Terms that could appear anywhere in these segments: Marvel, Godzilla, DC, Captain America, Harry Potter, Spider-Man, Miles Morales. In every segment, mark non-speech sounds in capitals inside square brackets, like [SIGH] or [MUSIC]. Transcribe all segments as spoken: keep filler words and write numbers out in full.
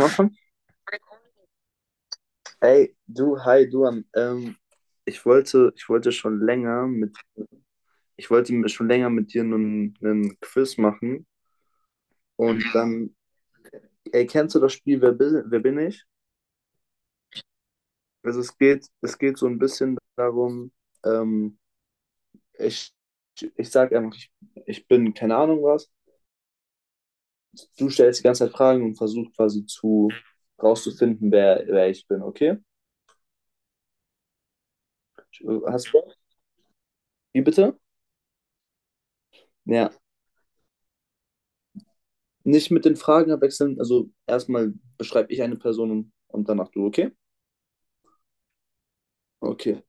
Anfangen? Ey, du, hi, du. Ähm, ich wollte, ich wollte schon länger mit, ich wollte mir schon länger mit dir einen, einen Quiz machen. Und dann, ey, kennst du das Spiel Wer bin, wer bin ich? Also es geht, es geht so ein bisschen darum, ähm, ich, ich sag einfach, ich, ich bin keine Ahnung was. Du stellst die ganze Zeit Fragen und versuchst quasi zu rauszufinden, wer, wer ich bin, okay? Hast du Bock? Wie bitte? Ja. Nicht mit den Fragen abwechseln. Also erstmal beschreibe ich eine Person und, und danach du, okay? Okay.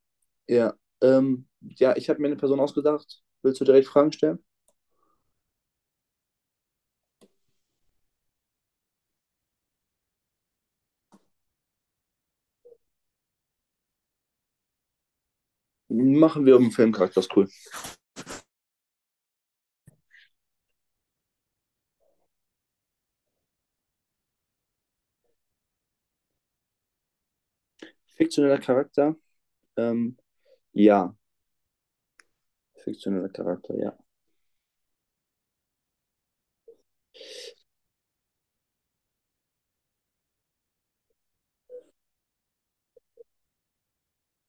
Ja. Ähm, ja, ich habe mir eine Person ausgedacht. Willst du direkt Fragen stellen? Machen wir um einen Filmcharakter, ist cool. Fiktioneller Charakter? Ähm, ja. Fiktioneller Charakter, ja.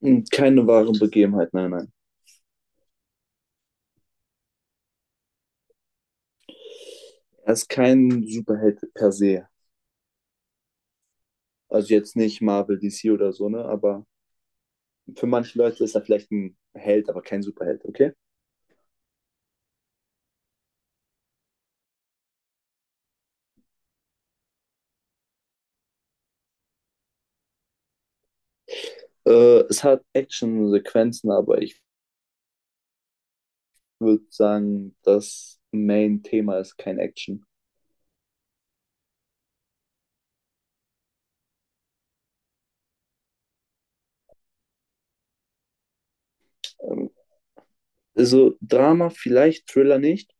Und keine wahre Begebenheit, nein, nein. Er ist kein Superheld per se. Also jetzt nicht Marvel, D C oder so, ne? Aber für manche Leute ist er vielleicht ein Held, aber kein Superheld, okay? Äh, es hat Action-Sequenzen, aber ich würde sagen, das Main-Thema ist kein Action. Ähm, Also Drama vielleicht, Thriller nicht.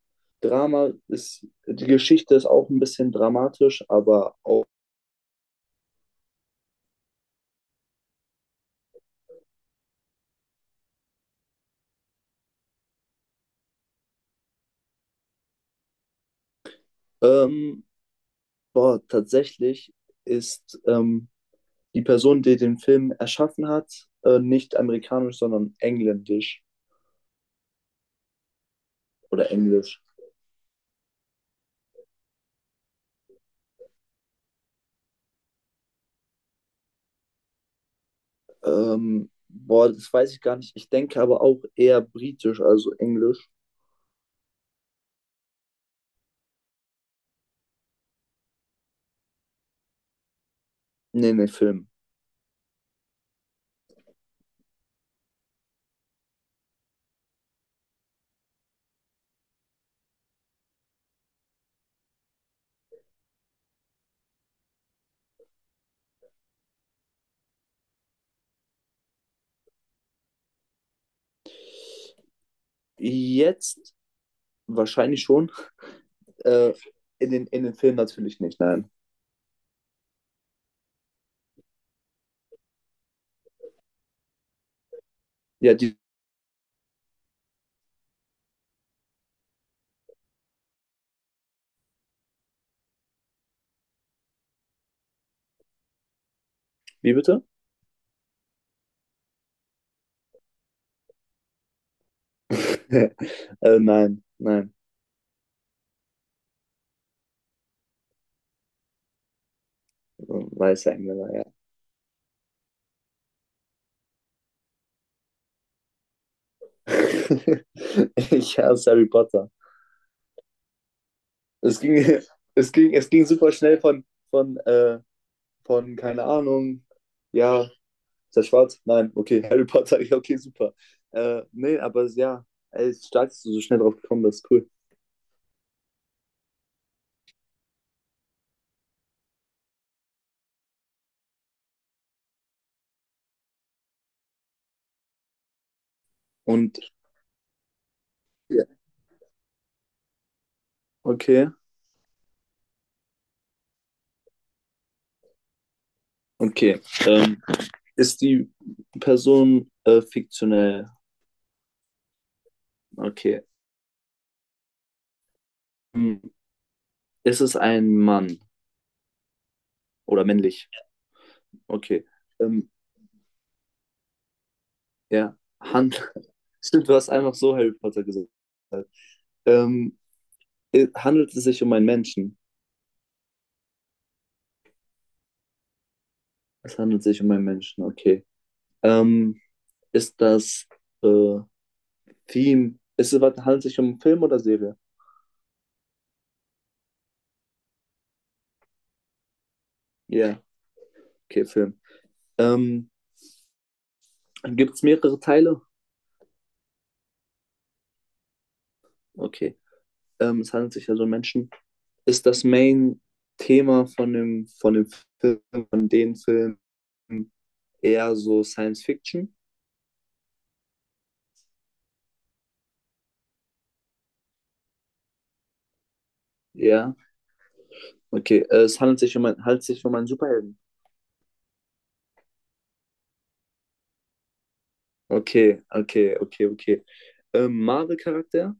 Drama ist, die Geschichte ist auch ein bisschen dramatisch, aber auch, ähm, boah, tatsächlich ist ähm, die Person, die den Film erschaffen hat, äh, nicht amerikanisch, sondern engländisch oder englisch. Ähm, boah, das weiß ich gar nicht. Ich denke aber auch eher britisch, also englisch. Nee, nee, Film. Jetzt wahrscheinlich schon. Äh, in den, in den Film natürlich nicht, nein. Ja, die, wie bitte? [LAUGHS] äh, nein, nein. Weiße Engländer, ja. [LAUGHS] Ich hasse Harry Potter. Es ging, es ging, es ging super schnell von, von, äh, von, keine Ahnung, ja, ist er schwarz? Nein, okay, Harry Potter, [LAUGHS] ja, okay, super. Äh, nee, aber es- ja, ey, es ist stark, dass du so schnell drauf gekommen bist, cool. Und, ja. Okay, okay. Ähm, ist die Person äh, fiktionell? Okay. Hm. Ist es ein Mann oder männlich? Okay. Ähm, ja, Hand. [LAUGHS] Stimmt, du hast einfach so Harry Potter gesagt. Ähm, i- handelt es sich um einen Menschen? Es handelt sich um einen Menschen, okay. Ähm, ist das äh, Theme? Ist es, was- handelt es sich um Film oder Serie? Ja, okay, Film. Ähm, gibt es mehrere Teile? Okay. Ähm, es handelt sich also um Menschen. Ist das Main-Thema von dem, von dem Film, von den Filmen eher so Science Fiction? Ja. Okay, äh, es handelt sich um, ein, handelt sich um einen Superhelden. Okay, okay, okay, okay. Ähm, Marvel-Charakter?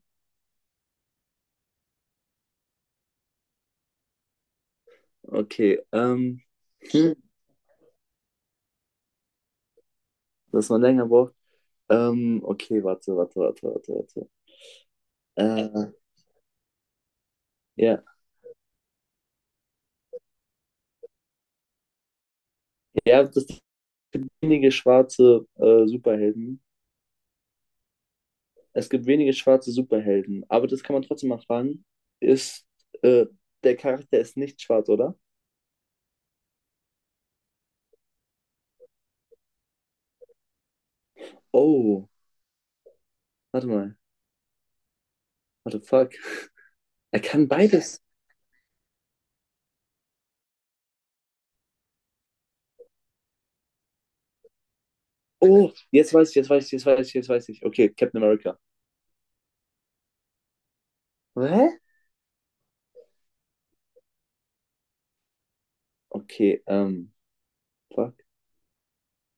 Okay, ähm, hm, dass man länger braucht. Ähm, okay, warte, warte, warte, warte, warte. Äh, ja, ja, das sind wenige schwarze äh, Superhelden. Es gibt wenige schwarze Superhelden, aber das kann man trotzdem mal fragen. Ist, äh, Der Charakter ist nicht schwarz, oder? Oh, warte mal. What the fuck? Er kann beides. Oh, jetzt weiß ich, jetzt weiß ich, jetzt weiß ich, jetzt weiß ich. Okay, Captain America. Hä? Okay, ähm, fuck.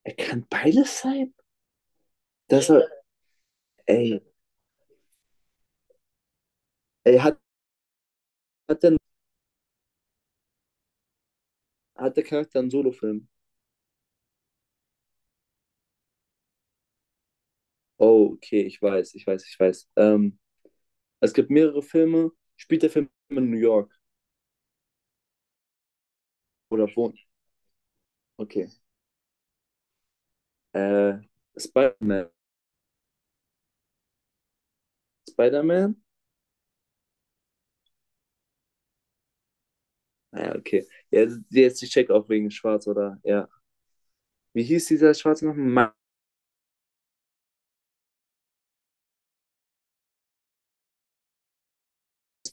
Er kann beides sein? Das war, ey, ey, hat, hat denn, hat der Charakter einen Solo-Film? Oh, okay, ich weiß, ich weiß, ich weiß. Ähm, es gibt mehrere Filme. Spielt der Film in New York? Oder wohnt? Okay. Äh, Spider-Man. Spider-Man? Ah, ja, okay. Ja, jetzt ich check auch wegen Schwarz, oder? Ja. Wie hieß dieser schwarze noch? Miles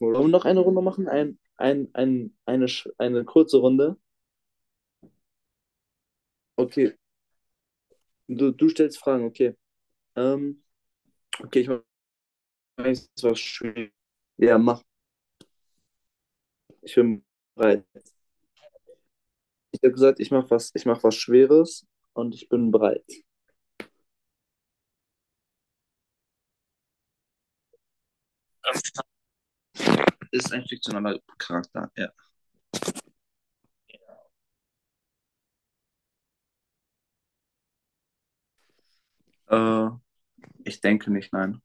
Morales. Wollen wir noch eine Runde machen? Ein, ein, ein, eine, sch- eine kurze Runde? Okay. Du, du stellst Fragen, okay. Ähm, okay, ich mache was Schweres. Ja, mach. Ich bin bereit. Ich habe gesagt, ich mache was, ich mach was Schweres und ich bin bereit. Ist ein fiktionaler Charakter, ja. Äh, ich denke nicht, nein.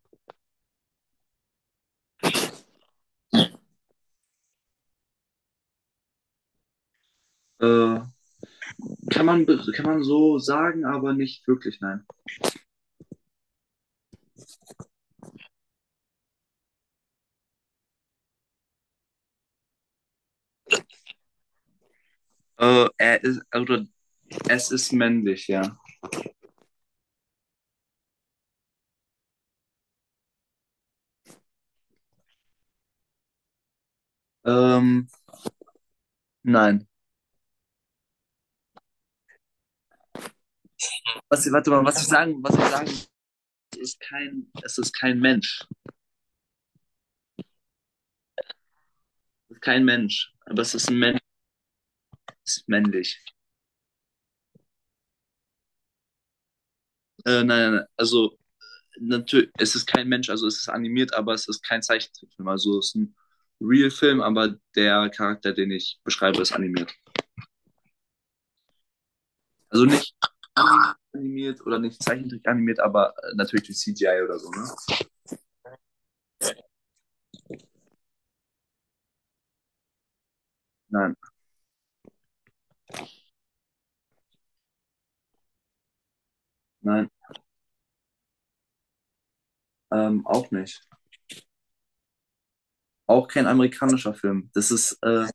Äh, kann man, be- kann man so sagen, aber nicht wirklich, nein. Äh, er ist, oder es ist männlich, ja. Ähm, nein. Was, warte mal, was ich sagen, was ich sagen, es ist kein, es ist kein Mensch. Kein Mensch. Aber es ist ein Mensch, ist männlich. Äh, nein, nein, also natürlich, es ist kein Mensch, also es ist animiert, aber es ist kein Zeichentrickfilm. Also es ist ein Real-Film, aber der Charakter, den ich beschreibe, ist animiert. Also nicht animiert oder nicht Zeichentrick animiert, aber äh, natürlich durch C G I oder so, ne? Nein, nein, ähm, auch nicht. Auch kein amerikanischer Film. Das ist, äh,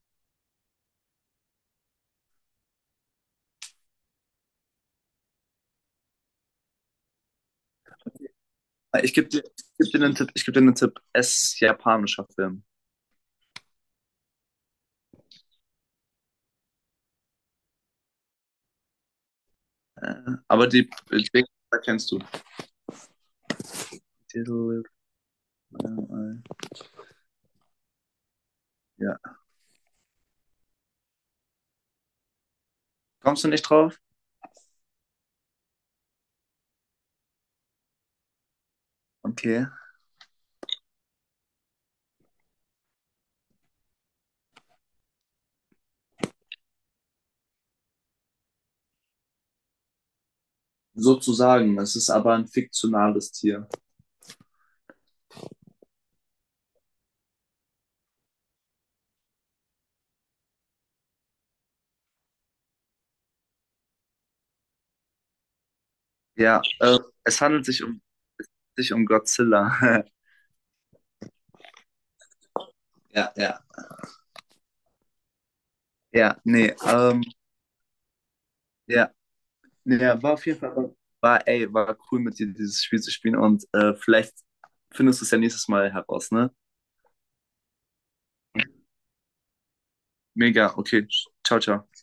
ich gebe dir, ich geb dir einen Tipp, ich gebe dir einen Tipp. Es ist japanischer Film. Äh, aber die, die Wegweiser kennst du. Titel, äh, ja. Kommst du nicht drauf? Okay. Sozusagen. Es ist aber ein fiktionales Tier. Ja, äh, es handelt sich um, es handelt sich um Godzilla. [LAUGHS] Ja, ja. Ja, nee, ähm, ja, nee, ja, war auf jeden Fall, war, ey, war cool mit dir dieses Spiel zu spielen und äh, vielleicht findest du es ja nächstes Mal heraus, ne? Mega, okay. Ciao, ciao.